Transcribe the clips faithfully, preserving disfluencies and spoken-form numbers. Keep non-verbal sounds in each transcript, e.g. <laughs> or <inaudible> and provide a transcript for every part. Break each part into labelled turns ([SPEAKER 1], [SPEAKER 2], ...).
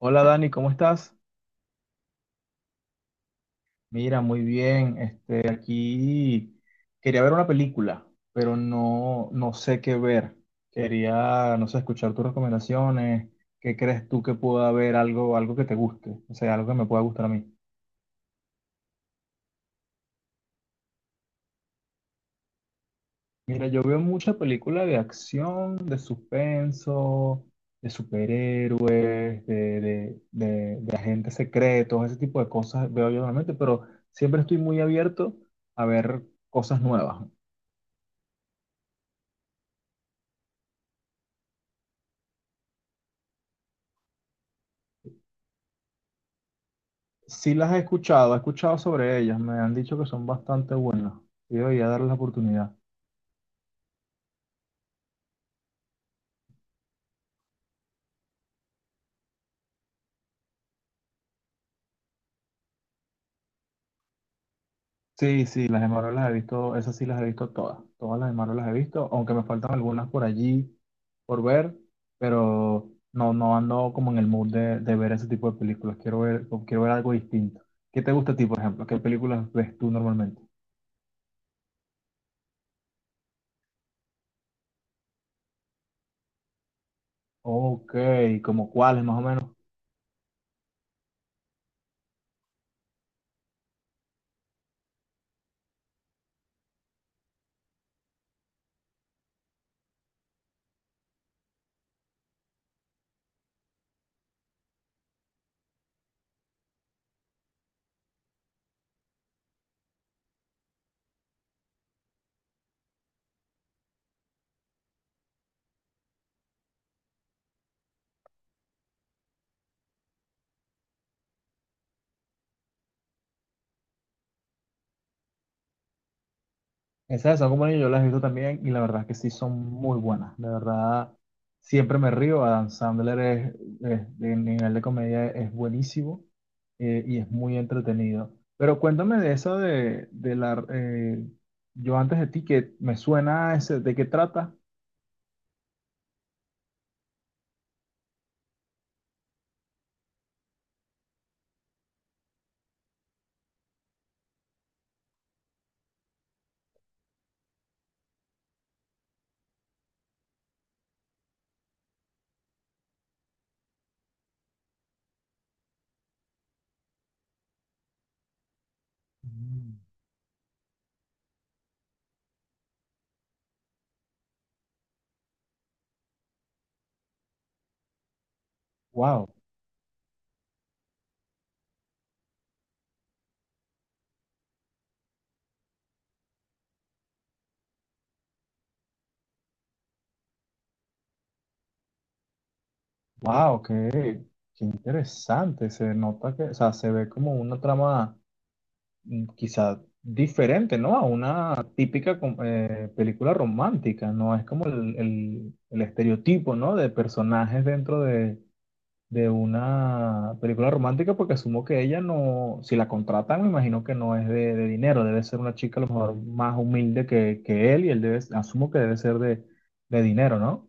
[SPEAKER 1] Hola Dani, ¿cómo estás? Mira, muy bien. Este, aquí quería ver una película, pero no, no sé qué ver. Quería, no sé, escuchar tus recomendaciones. ¿Qué crees tú que pueda haber algo, algo que te guste? O sea, algo que me pueda gustar a mí. Mira, yo veo mucha película de acción, de suspenso, de superhéroes, de, de, de, de agentes secretos, ese tipo de cosas veo yo normalmente, pero siempre estoy muy abierto a ver cosas nuevas. Sí las he escuchado, he escuchado sobre ellas, me han dicho que son bastante buenas y debería darles la oportunidad. Sí, sí, las de Marvel las he visto, esas sí las he visto todas, todas las de Marvel las he visto, aunque me faltan algunas por allí por ver, pero no, no ando como en el mood de, de ver ese tipo de películas, quiero ver, quiero ver algo distinto. ¿Qué te gusta a ti, por ejemplo? ¿Qué películas ves tú normalmente? Ok, ¿como cuáles más o menos? Esas de Sago Mani yo las he visto también y la verdad es que sí son muy buenas. De verdad, siempre me río. Adam Sandler es, es- de nivel de comedia es buenísimo eh, y es muy entretenido. Pero cuéntame de esa de, de la... eh, yo antes de ti, que me suena a ese, ¿de qué trata? Mm. Wow, wow, qué, qué interesante. Se nota que, o sea, se ve como una trama mm, quizá diferente, ¿no? A una típica com- eh, película romántica, ¿no? Es como el, el- el estereotipo, ¿no? De personajes dentro de, de una película romántica, porque asumo que ella no, si la contratan, me imagino que no es de, de dinero, debe ser una chica a lo mejor más humilde que, que él y él debe, asumo que debe ser de, de dinero, ¿no?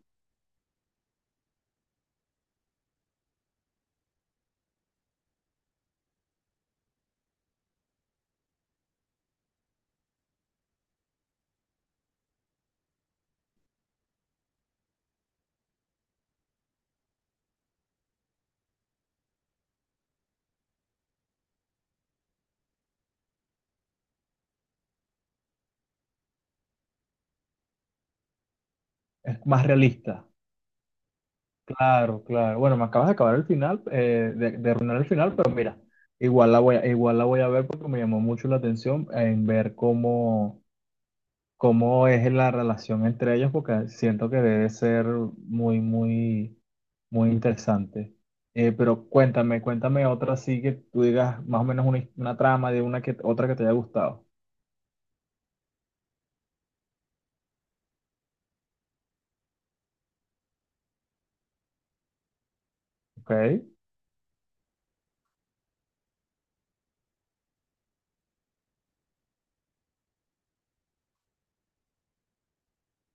[SPEAKER 1] Es más realista. Claro, claro. Bueno, me acabas de acabar el final, eh, de, de arruinar el final, pero mira, igual la voy a, igual la voy a ver porque me llamó mucho la atención en ver cómo, cómo es la relación entre ellos, porque siento que debe ser muy, muy, muy interesante. Eh, pero cuéntame, cuéntame otra así que tú digas más o menos una, una trama de una que otra que te haya gustado, ¿ok?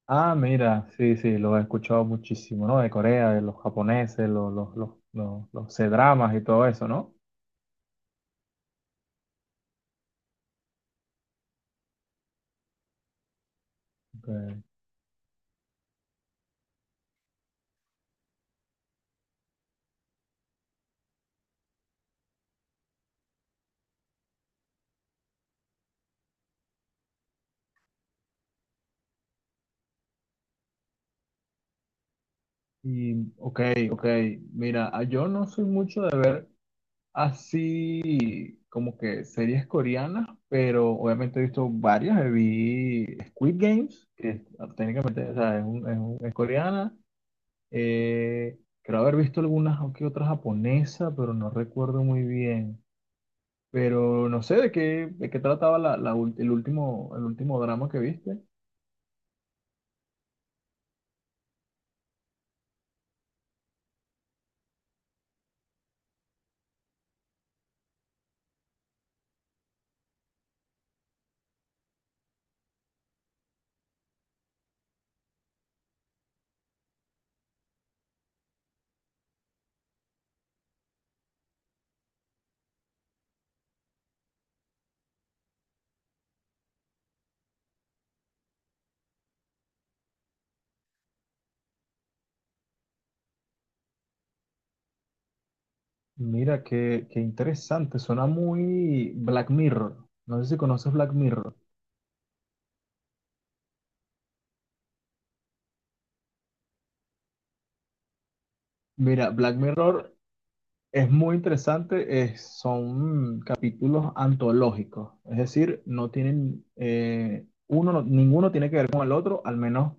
[SPEAKER 1] Ah, mira, sí, sí, lo he escuchado muchísimo, ¿no? De Corea, de los japoneses, los, los, los, los, los C-dramas y todo eso, ¿no? Okay. Y, ok, ok. Mira, ah, yo no soy mucho de ver así como que series coreanas, pero obviamente he visto varias. Eh, Vi Squid Games, que es, ah, técnicamente o sea, es, un- es un- es coreana. Eh, creo haber visto algunas o que otras japonesas, pero no recuerdo muy bien. Pero no sé de qué, de qué trataba la, la ul- el último, el último drama que viste. Mira, qué, qué interesante, suena muy Black Mirror. No sé si conoces Black Mirror. Mira, Black Mirror es muy interesante, es- son capítulos antológicos, es decir, no tienen, eh, uno, no- ninguno tiene que ver con el otro, al menos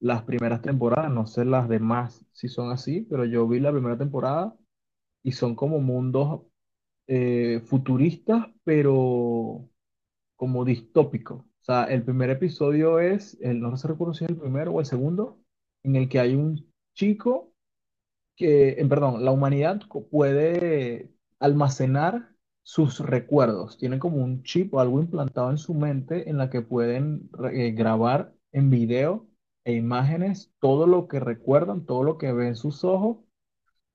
[SPEAKER 1] las primeras temporadas, no sé las demás si son así, pero yo vi la primera temporada y son como mundos eh, futuristas, pero como distópico. O sea, el primer episodio es, el, no se recuerdo si es el primero o el segundo, en el que hay un chico que, eh, perdón, la humanidad co- puede almacenar sus recuerdos. Tienen como un chip o algo implantado en su mente en la que pueden re- eh, grabar en video e imágenes todo lo que recuerdan, todo lo que ven sus ojos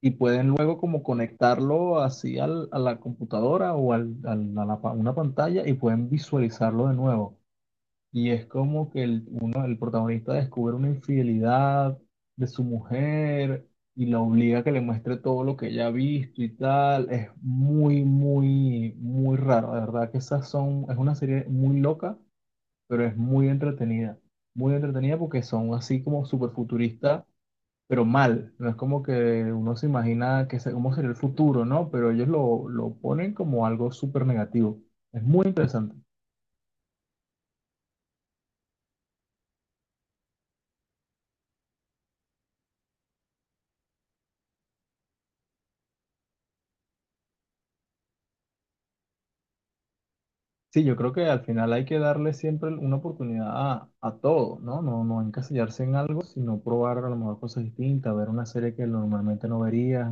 [SPEAKER 1] y pueden luego como conectarlo así al- a la computadora o al- al- a la pa- una pantalla y pueden visualizarlo de nuevo. Y es como que el, uno, el protagonista descubre una infidelidad de su mujer y la obliga a que le muestre todo lo que ella ha visto y tal. Es muy, muy, muy raro. De verdad que esas son, es una serie muy loca, pero es muy entretenida. Muy entretenida porque son así como super futuristas pero mal. No es como que uno se imagina que se- cómo sería el futuro, ¿no? Pero ellos lo, lo ponen como algo súper negativo. Es muy interesante. Sí, yo creo que al final hay que darle siempre una oportunidad a, a todo, ¿no? No, no encasillarse en algo, sino probar a lo mejor cosas distintas, ver una serie que normalmente no verías,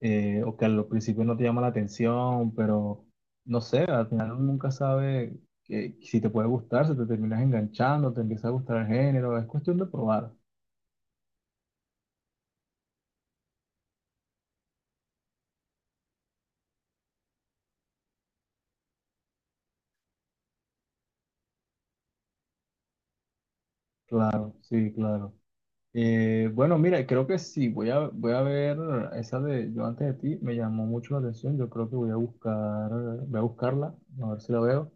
[SPEAKER 1] eh, o que al principio no te llama la atención, pero no sé, al final uno nunca sabe que, si te puede gustar, si te terminas enganchando, te empieza a gustar el género, es cuestión de probar. Claro, sí, claro. Eh, bueno, mira, creo que sí, voy a, voy a ver esa de Yo antes de ti, me llamó mucho la atención, yo creo que voy a buscar, voy a buscarla, a ver si la veo,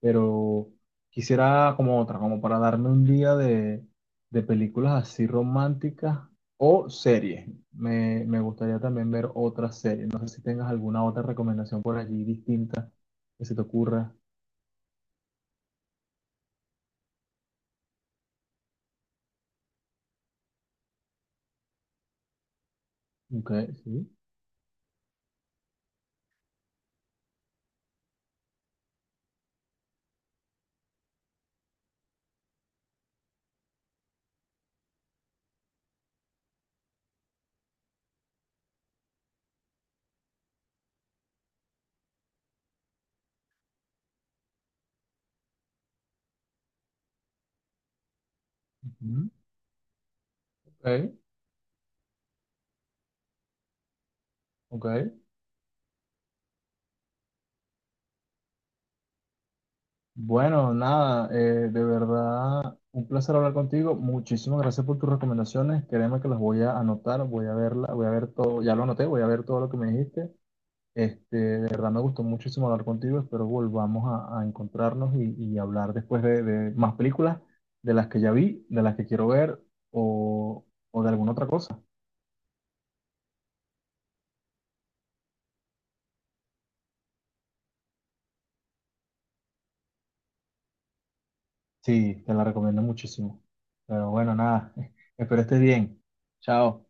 [SPEAKER 1] pero quisiera como otra, como para darme un día de, de películas así románticas o series. Me, me gustaría también ver otra serie, no sé si tengas alguna otra recomendación por allí distinta que se te ocurra. Ok, sí. Ujú, ok, ok. Bueno, nada, eh, de verdad, un placer hablar contigo. Muchísimas gracias por tus recomendaciones. Créeme que las voy a anotar, voy a verla, voy a ver todo, ya lo anoté, voy a ver todo lo que me dijiste. Este, de verdad me gustó muchísimo hablar contigo. Espero volvamos a, a encontrarnos y, y hablar después de, de más películas, de las que ya vi, de las que quiero ver o, o de alguna otra cosa. Sí, te la recomiendo muchísimo. Pero bueno, nada, <laughs> espero estés bien. Chao.